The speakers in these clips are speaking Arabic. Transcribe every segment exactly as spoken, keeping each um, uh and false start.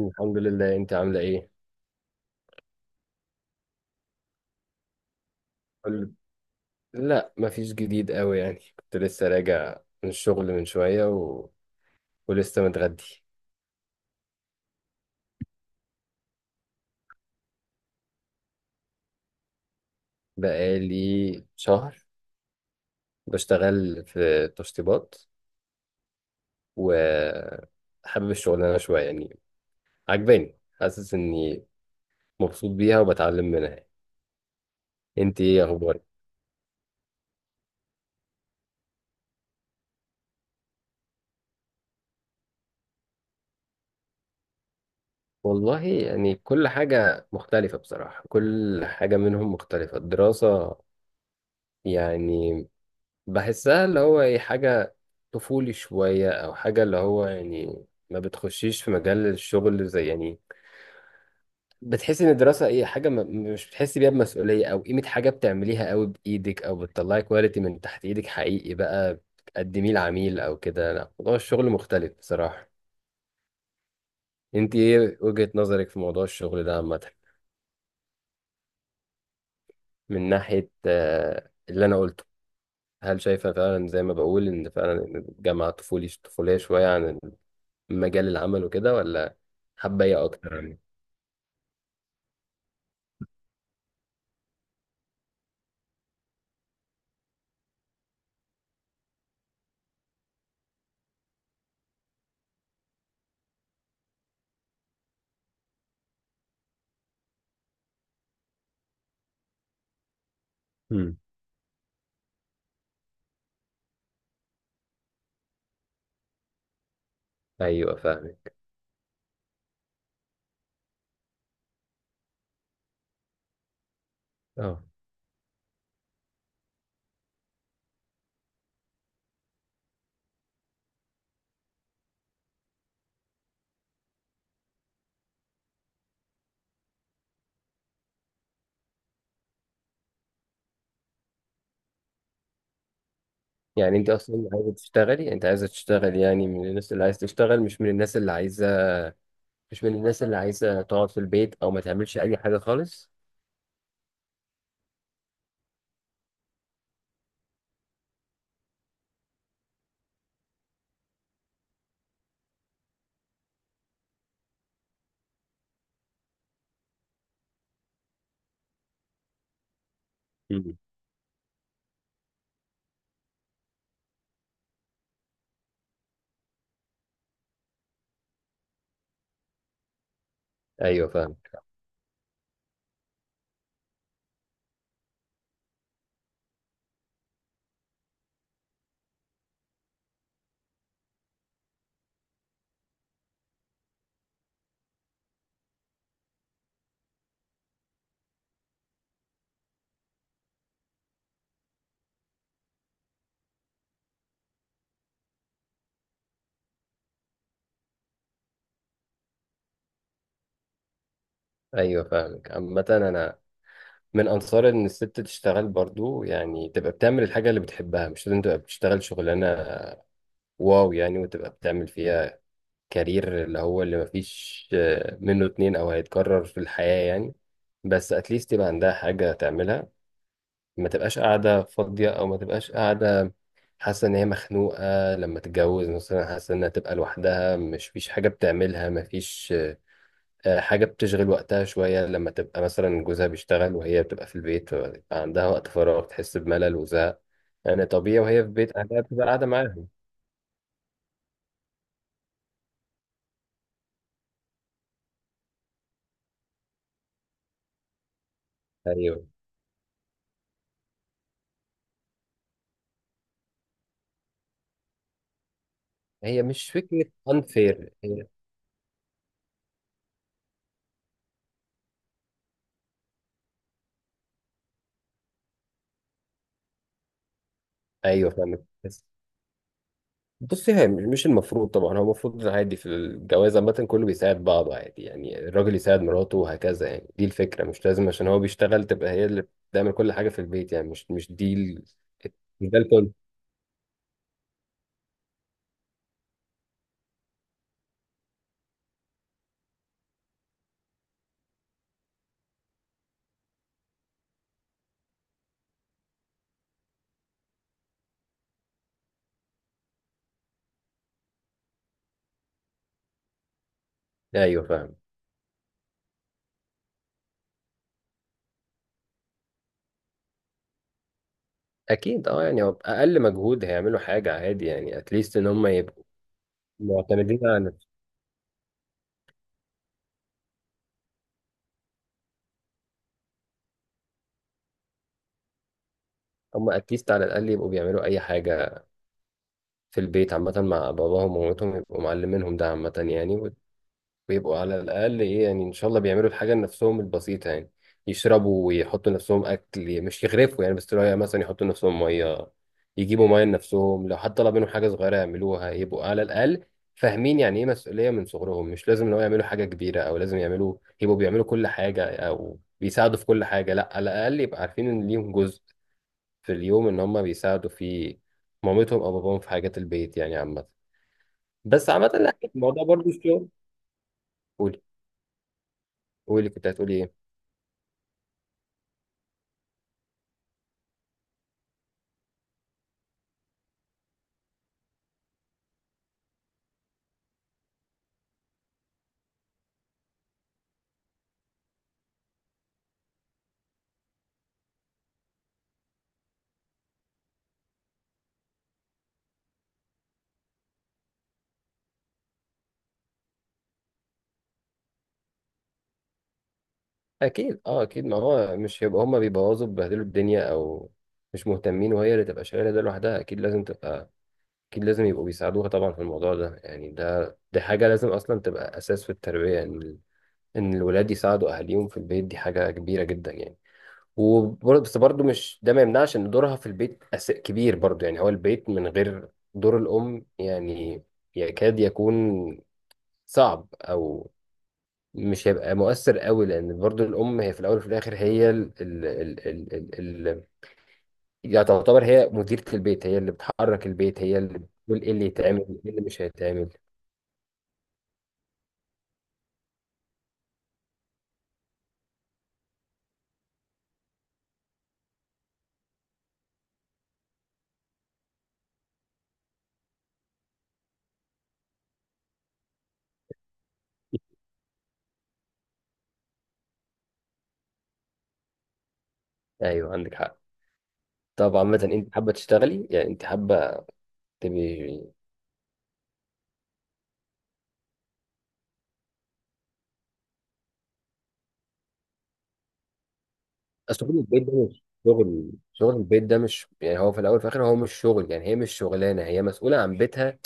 الحمد لله. انت عامله ايه؟ قول- لا، مفيش جديد قوي يعني، كنت لسه راجع من الشغل من شويه و... ولسه متغدي. بقالي شهر بشتغل في تشطيبات، وحابب الشغلانه شويه يعني، عجباني، حاسس اني مبسوط بيها وبتعلم منها يعني. انت ايه اخبارك؟ والله يعني كل حاجه مختلفه بصراحه، كل حاجه منهم مختلفه. الدراسه يعني بحسها اللي هو ايه، حاجة طفولي شوية، او حاجة اللي هو يعني ما بتخشيش في مجال الشغل، زي يعني بتحسي ان الدراسة ايه حاجة ما، مش بتحسي بيها بمسؤولية او قيمة حاجة بتعمليها قوي بايدك او بتطلعي كواليتي من تحت ايدك حقيقي بقى تقدميه لعميل او كده. لا، موضوع الشغل مختلف بصراحة. انت ايه وجهة نظرك في موضوع الشغل ده عامة؟ من ناحية آه، اللي انا قلته، هل شايفة فعلا زي ما بقول ان فعلا الجامعة طفولي طفولية شوية عن مجال العمل وكده، ولا؟ حابة ايه اكتر يعني؟ امم، ايوه فاهمك. اه، يعني انت اصلا عايزة تشتغلي انت عايزة تشتغل، يعني من الناس اللي عايزة تشتغل، مش من الناس اللي عايزة مش من الناس اللي عايزة تقعد في البيت او ما تعملش اي حاجة خالص. امم، ايوه فاهمك. ايوه فاهمك. عامة انا من انصار ان الست تشتغل برضو، يعني تبقى بتعمل الحاجة اللي بتحبها، مش لازم تبقى بتشتغل شغلانة واو يعني وتبقى بتعمل فيها كارير، اللي هو اللي مفيش آه، منه اتنين او هيتكرر في الحياة يعني، بس اتليست يبقى عندها حاجة تعملها، ما تبقاش قاعدة فاضية، او ما تبقاش قاعدة حاسة ان هي مخنوقة لما تتجوز مثلا، حاسة انها تبقى لوحدها مش فيش حاجة بتعملها، مفيش آه، حاجة بتشغل وقتها شوية لما تبقى مثلا جوزها بيشتغل وهي بتبقى في البيت، فبيبقى عندها وقت فراغ تحس بملل وزهق يعني، طبيعي وهي في بيت أهلها بتبقى قاعدة معاهم. ايوه. هي مش فكرة unfair. هي ايوه فاهمك. بص، هي مش مش المفروض طبعا، هو المفروض عادي في الجواز عامة كله بيساعد بعض عادي يعني، الراجل يساعد مراته وهكذا يعني، دي الفكرة، مش لازم عشان هو بيشتغل تبقى هي اللي بتعمل كل حاجة في البيت يعني، مش مش دي ال- مش ده الكل. ايوه فاهم. اكيد اه يعني هو بأقل مجهود هيعملوا حاجة عادي يعني، اتليست ان هم يبقوا معتمدين على نفسهم. هم اتليست على الاقل يبقوا بيعملوا اي حاجة في البيت عامة مع باباهم ومامتهم، يبقوا معلمينهم، ده عامة يعني بيبقوا على الأقل إيه يعني، إن شاء الله بيعملوا الحاجة لنفسهم البسيطة يعني، يشربوا ويحطوا لنفسهم أكل مش يغرفوا يعني، بس تلاقي مثلا يحطوا لنفسهم مية، يجيبوا مية لنفسهم، لو حد طلب منهم حاجة صغيرة يعملوها، يبقوا على الأقل فاهمين يعني إيه مسؤولية من صغرهم. مش لازم لو يعملوا حاجة كبيرة أو لازم يعملوا يبقوا بيعملوا كل حاجة أو بيساعدوا في كل حاجة، لا، على الأقل يبقى عارفين إن ليهم جزء في اليوم إن هم بيساعدوا فيه مامتهم أو باباهم في حاجات البيت يعني عامة. بس عامة لا، الموضوع برضو الشغل. قولي، قولي كنت هتقولي إيه؟ اكيد اه، اكيد ما هو مش هيبقى هما بيبوظوا بيبهدلوا الدنيا او مش مهتمين وهي اللي تبقى شايله ده لوحدها، اكيد لازم تبقى، اكيد لازم يبقوا بيساعدوها طبعا في الموضوع ده يعني، ده دي حاجه لازم اصلا تبقى اساس في التربيه، ان ال- ان الولاد يساعدوا اهاليهم في البيت، دي حاجه كبيره جدا يعني. وبرضه، بس برضه مش ده ما يمنعش ان دورها في البيت أس... كبير برضه يعني، هو البيت من غير دور الام يعني يكاد يكون صعب او مش هيبقى مؤثر قوي، لان برضو الام هي في الاول وفي الاخر هي ال ال ال ال ال ال يعني تعتبر هي مديرة البيت، هي اللي بتحرك البيت، هي اللي بتقول ايه اللي يتعمل ايه اللي مش هيتعمل. ايوه عندك حق. طب عامة انت حابة تشتغلي يعني، انت حابة تبقي، اصل شغل البيت ده مش شغل، شغل البيت ده مش يعني هو في الاول وفي الاخر هو مش شغل يعني، هي مش شغلانه، هي مسؤوله عن بيتها،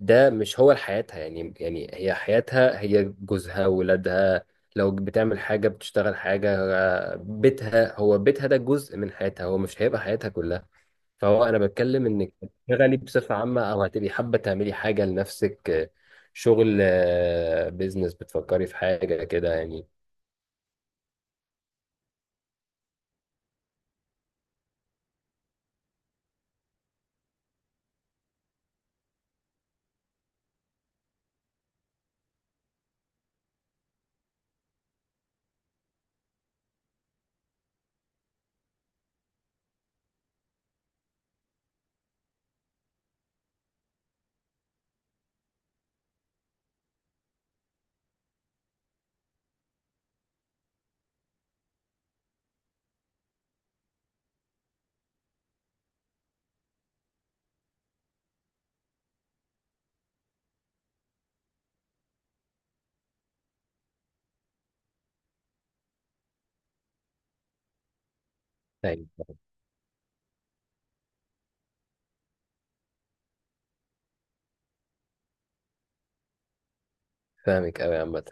ده مش هو حياتها يعني، يعني هي حياتها هي جوزها ولادها، لو بتعمل حاجه بتشتغل حاجه، بيتها هو بيتها ده جزء من حياتها، هو مش هيبقى حياتها كلها. فهو انا بتكلم انك تشتغلي بصفه عامه، او هتبقي حابه تعملي حاجه لنفسك، شغل، بيزنس، بتفكري في حاجه كده يعني؟ طيب. فاهمك أوي عامة.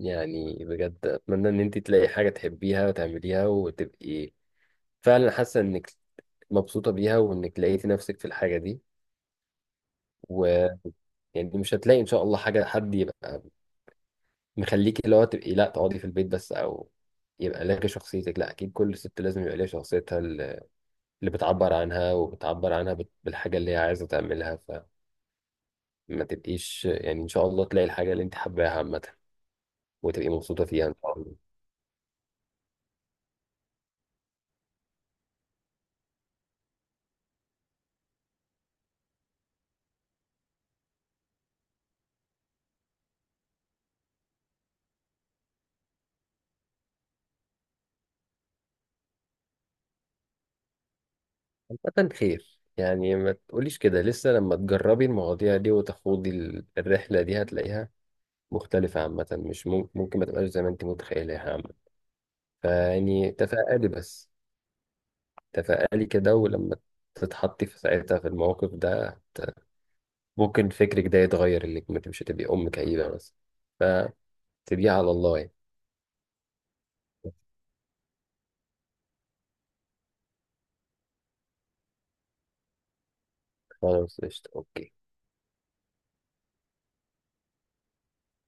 يعني بجد أتمنى إن أنت تلاقي حاجة تحبيها وتعمليها وتبقي فعلا حاسة إنك مبسوطة بيها وإنك لقيتي نفسك في الحاجة دي، ويعني مش هتلاقي إن شاء الله حاجة، حد يبقى مخليكي اللي هو تبقي لا تقعدي في البيت بس، أو يبقى لك شخصيتك، لا أكيد كل ست لازم يبقى ليها شخصيتها اللي اللي بتعبر عنها، وبتعبر عنها بال- بالحاجة اللي هي عايزة تعملها، فما تبقيش يعني إن شاء الله تلاقي الحاجة اللي أنت حباها عامة وتبقي مبسوطة فيها إن شاء الله. عامة خير يعني، ما تقوليش كده لسه، لما تجربي المواضيع دي وتخوضي ال- الرحلة دي هتلاقيها مختلفة عامة، مش ممكن، ممكن ما تبقاش زي ما انت متخيلها عامة، فيعني تفائلي بس، تفائلي كده، ولما تتحطي في ساعتها في الموقف ده هت- ممكن فكرك ده يتغير انك مش هتبقي أم كئيبة بس، فتبقي على الله يعني. خلاص قشطة، اوكي.